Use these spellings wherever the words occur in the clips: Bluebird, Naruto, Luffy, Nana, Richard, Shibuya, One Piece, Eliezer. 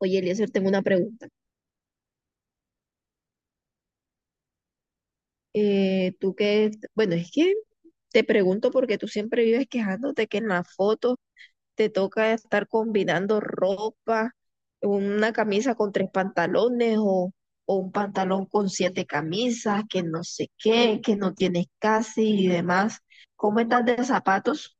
Oye, Eliezer, tengo una pregunta. Tú que, bueno, es que te pregunto porque tú siempre vives quejándote que en la foto te toca estar combinando ropa, una camisa con tres pantalones o un pantalón con siete camisas, que no sé qué, que no tienes casi y demás. ¿Cómo estás de zapatos?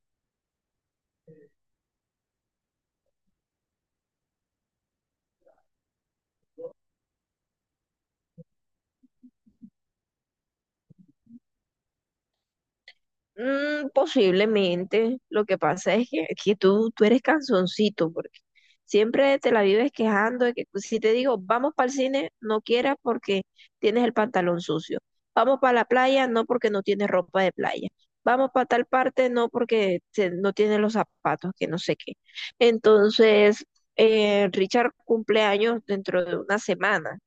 Mm, posiblemente. Lo que pasa es que tú eres cansoncito porque siempre te la vives quejando de que pues, si te digo, vamos para el cine, no quieras porque tienes el pantalón sucio. Vamos para la playa, no porque no tienes ropa de playa. Vamos para tal parte, no porque no tienes los zapatos, que no sé qué. Entonces, Richard cumple años dentro de una semana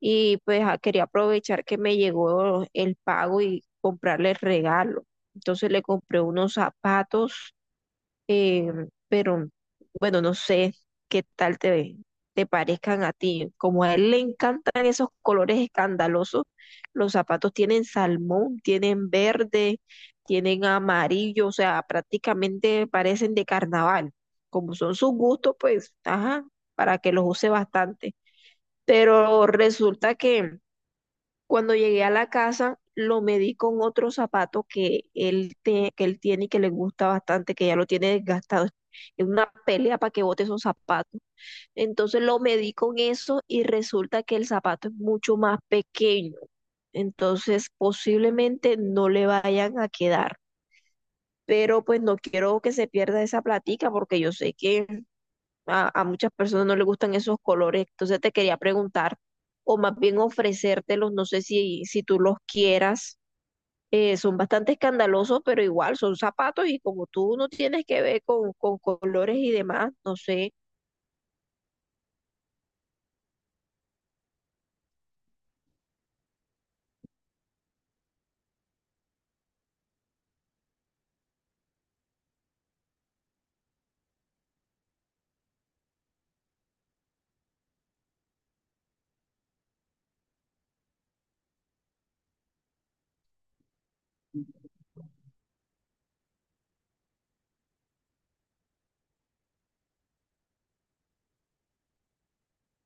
y pues quería aprovechar que me llegó el pago y comprarle el regalo. Entonces le compré unos zapatos, eh, pero bueno, no sé qué tal te parezcan a ti. Como a él le encantan esos colores escandalosos, los zapatos tienen salmón, tienen verde, tienen amarillo, o sea, prácticamente parecen de carnaval. Como son sus gustos, pues, ajá, para que los use bastante. Pero resulta que cuando llegué a la casa, lo medí con otro zapato que que él tiene y que le gusta bastante, que ya lo tiene desgastado. Es una pelea para que bote esos zapatos. Entonces lo medí con eso y resulta que el zapato es mucho más pequeño. Entonces posiblemente no le vayan a quedar. Pero pues no quiero que se pierda esa platica porque yo sé que a muchas personas no les gustan esos colores, entonces te quería preguntar, o más bien ofrecértelos, no sé si tú los quieras. Son bastante escandalosos, pero igual son zapatos y como tú no tienes que ver con colores y demás, no sé.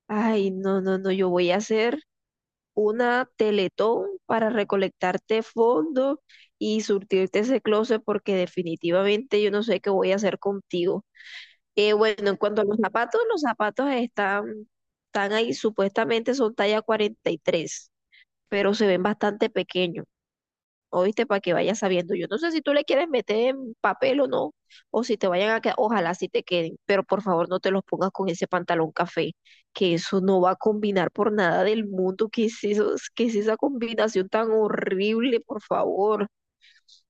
Ay, no, no, no, yo voy a hacer una teletón para recolectarte fondos y surtirte ese closet porque definitivamente yo no sé qué voy a hacer contigo. Bueno, en cuanto a los zapatos están ahí, supuestamente son talla 43 pero se ven bastante pequeños. Oíste, para que vayas sabiendo. Yo no sé si tú le quieres meter en papel o no, o si te vayan a quedar, ojalá si te queden, pero por favor no te los pongas con ese pantalón café, que eso no va a combinar por nada del mundo. ¿Qué es eso? ¿Qué es esa combinación tan horrible? Por favor,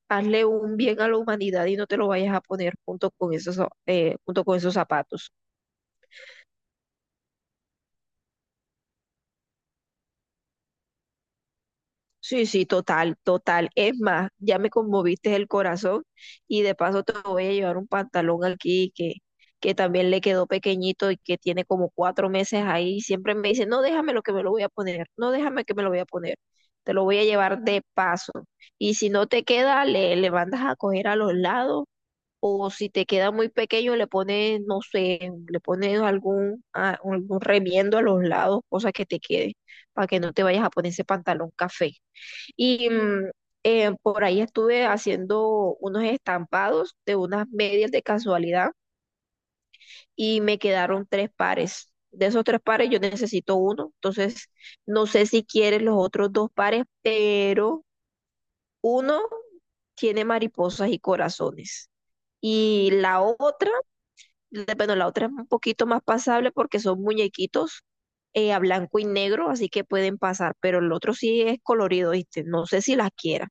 hazle un bien a la humanidad y no te lo vayas a poner junto con junto con esos zapatos. Sí, sí, total, total. Es más, ya me conmoviste el corazón y de paso te voy a llevar un pantalón aquí que también le quedó pequeñito y que tiene como 4 meses ahí. Y siempre me dice, no, déjame lo que me lo voy a poner, no, déjame que me lo voy a poner. Te lo voy a llevar de paso. Y si no te queda, le mandas a coger a los lados o si te queda muy pequeño, le pones, no sé, le pones algún remiendo a los lados, cosa que te quede, para que no te vayas a poner ese pantalón café. Y por ahí estuve haciendo unos estampados de unas medias de casualidad y me quedaron tres pares. De esos tres pares yo necesito uno, entonces no sé si quieres los otros dos pares, pero uno tiene mariposas y corazones. Y la otra, bueno, la otra es un poquito más pasable porque son muñequitos a blanco y negro, así que pueden pasar, pero el otro sí es colorido, ¿viste? No sé si las quieras.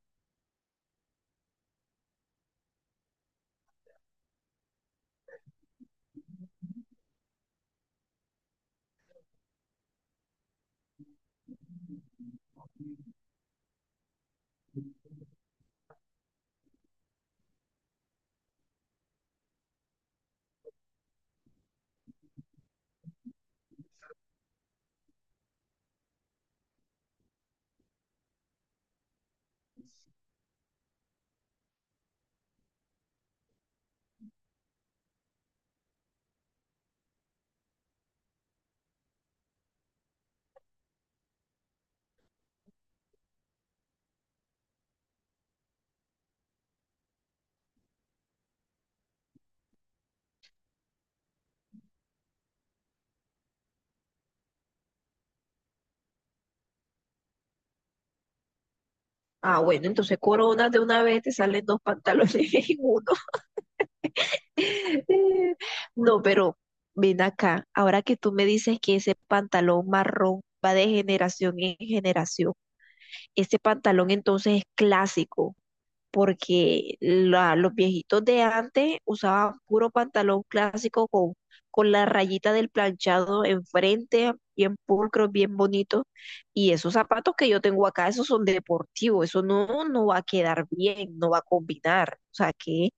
Ah, bueno, entonces coronas de una vez te salen dos pantalones en uno. No, pero ven acá, ahora que tú me dices que ese pantalón marrón va de generación en generación, ese pantalón entonces es clásico porque los viejitos de antes usaban puro pantalón clásico con la rayita del planchado enfrente, bien pulcro, bien bonito. Y esos zapatos que yo tengo acá, esos son deportivos, eso no, no va a quedar bien, no va a combinar. O sea,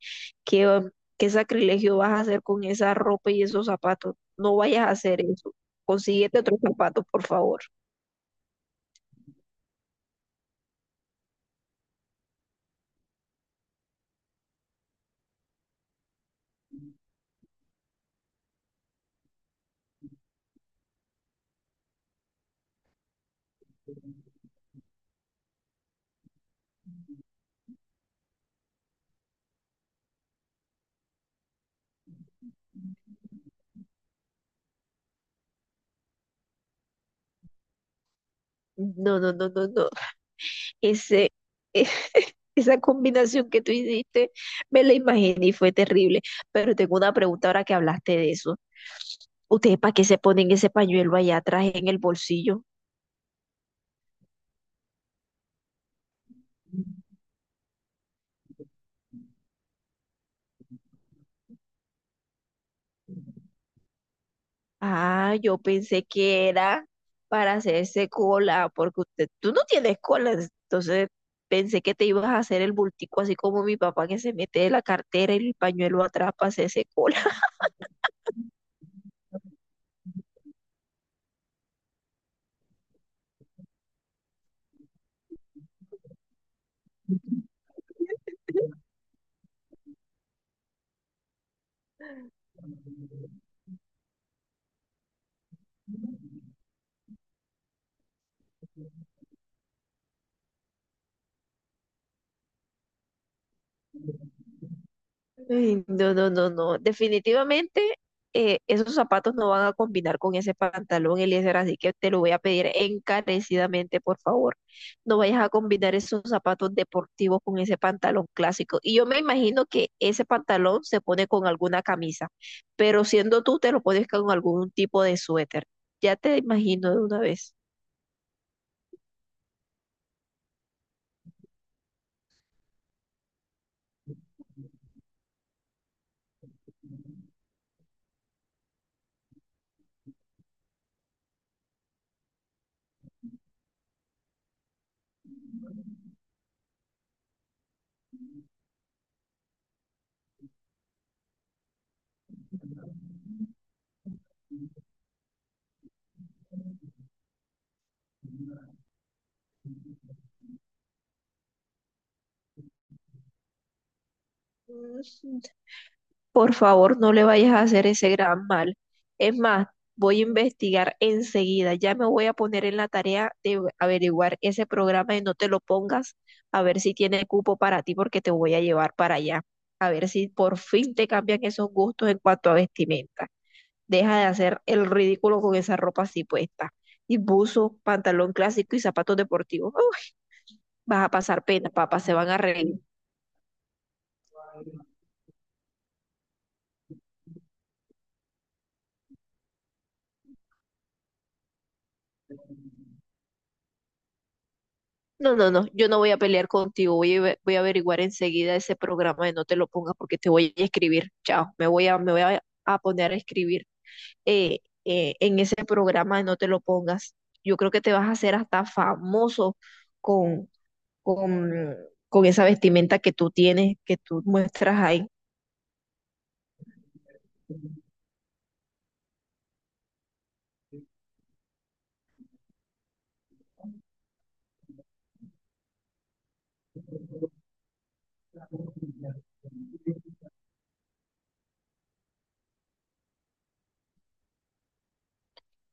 qué, qué sacrilegio vas a hacer con esa ropa y esos zapatos? No vayas a hacer eso. Consíguete otros zapatos, por favor. No, no, no, no, no. Ese, e- esa combinación que tú hiciste, me la imaginé y fue terrible. Pero tengo una pregunta ahora que hablaste de eso. ¿Ustedes para qué se ponen ese pañuelo allá atrás en el bolsillo? Ah, yo pensé que era para hacerse cola, porque usted, tú no tienes cola, entonces pensé que te ibas a hacer el bultico así como mi papá que se mete la cartera y el pañuelo atrás para hacerse cola. Ay, no, no, no, no. Definitivamente esos zapatos no van a combinar con ese pantalón, Eliezer, así que te lo voy a pedir encarecidamente, por favor. No vayas a combinar esos zapatos deportivos con ese pantalón clásico. Y yo me imagino que ese pantalón se pone con alguna camisa, pero siendo tú, te lo pones con algún tipo de suéter. Ya te imagino de una vez. Por favor, no le vayas a hacer ese gran mal. Es más, voy a investigar enseguida. Ya me voy a poner en la tarea de averiguar ese programa y no te lo pongas a ver si tiene cupo para ti porque te voy a llevar para allá. A ver si por fin te cambian esos gustos en cuanto a vestimenta. Deja de hacer el ridículo con esa ropa así puesta. Y buzo, pantalón clásico y zapatos deportivos. Uf, vas a pasar pena, papá, se van a reír. No, no, no, yo no voy a pelear contigo, voy a averiguar enseguida ese programa de no te lo pongas porque te voy a escribir, chao, a poner a escribir eh, en ese programa de no te lo pongas. Yo creo que te vas a hacer hasta famoso con, con, con esa vestimenta que tú tienes, que tú muestras ahí.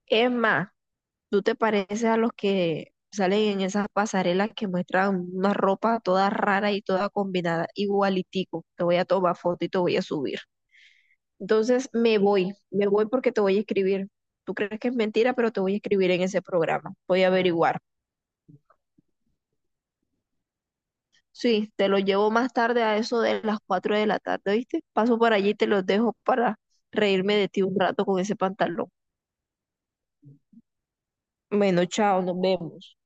Es más, tú te pareces a los que salen en esas pasarelas que muestran una ropa toda rara y toda combinada, igualitico. Te voy a tomar foto y te voy a subir. Entonces me voy porque te voy a escribir. Tú crees que es mentira, pero te voy a escribir en ese programa. Voy a averiguar. Sí, te lo llevo más tarde a eso de las 4 de la tarde, ¿viste? Paso por allí y te los dejo para reírme de ti un rato con ese pantalón. Bueno, chao, nos vemos.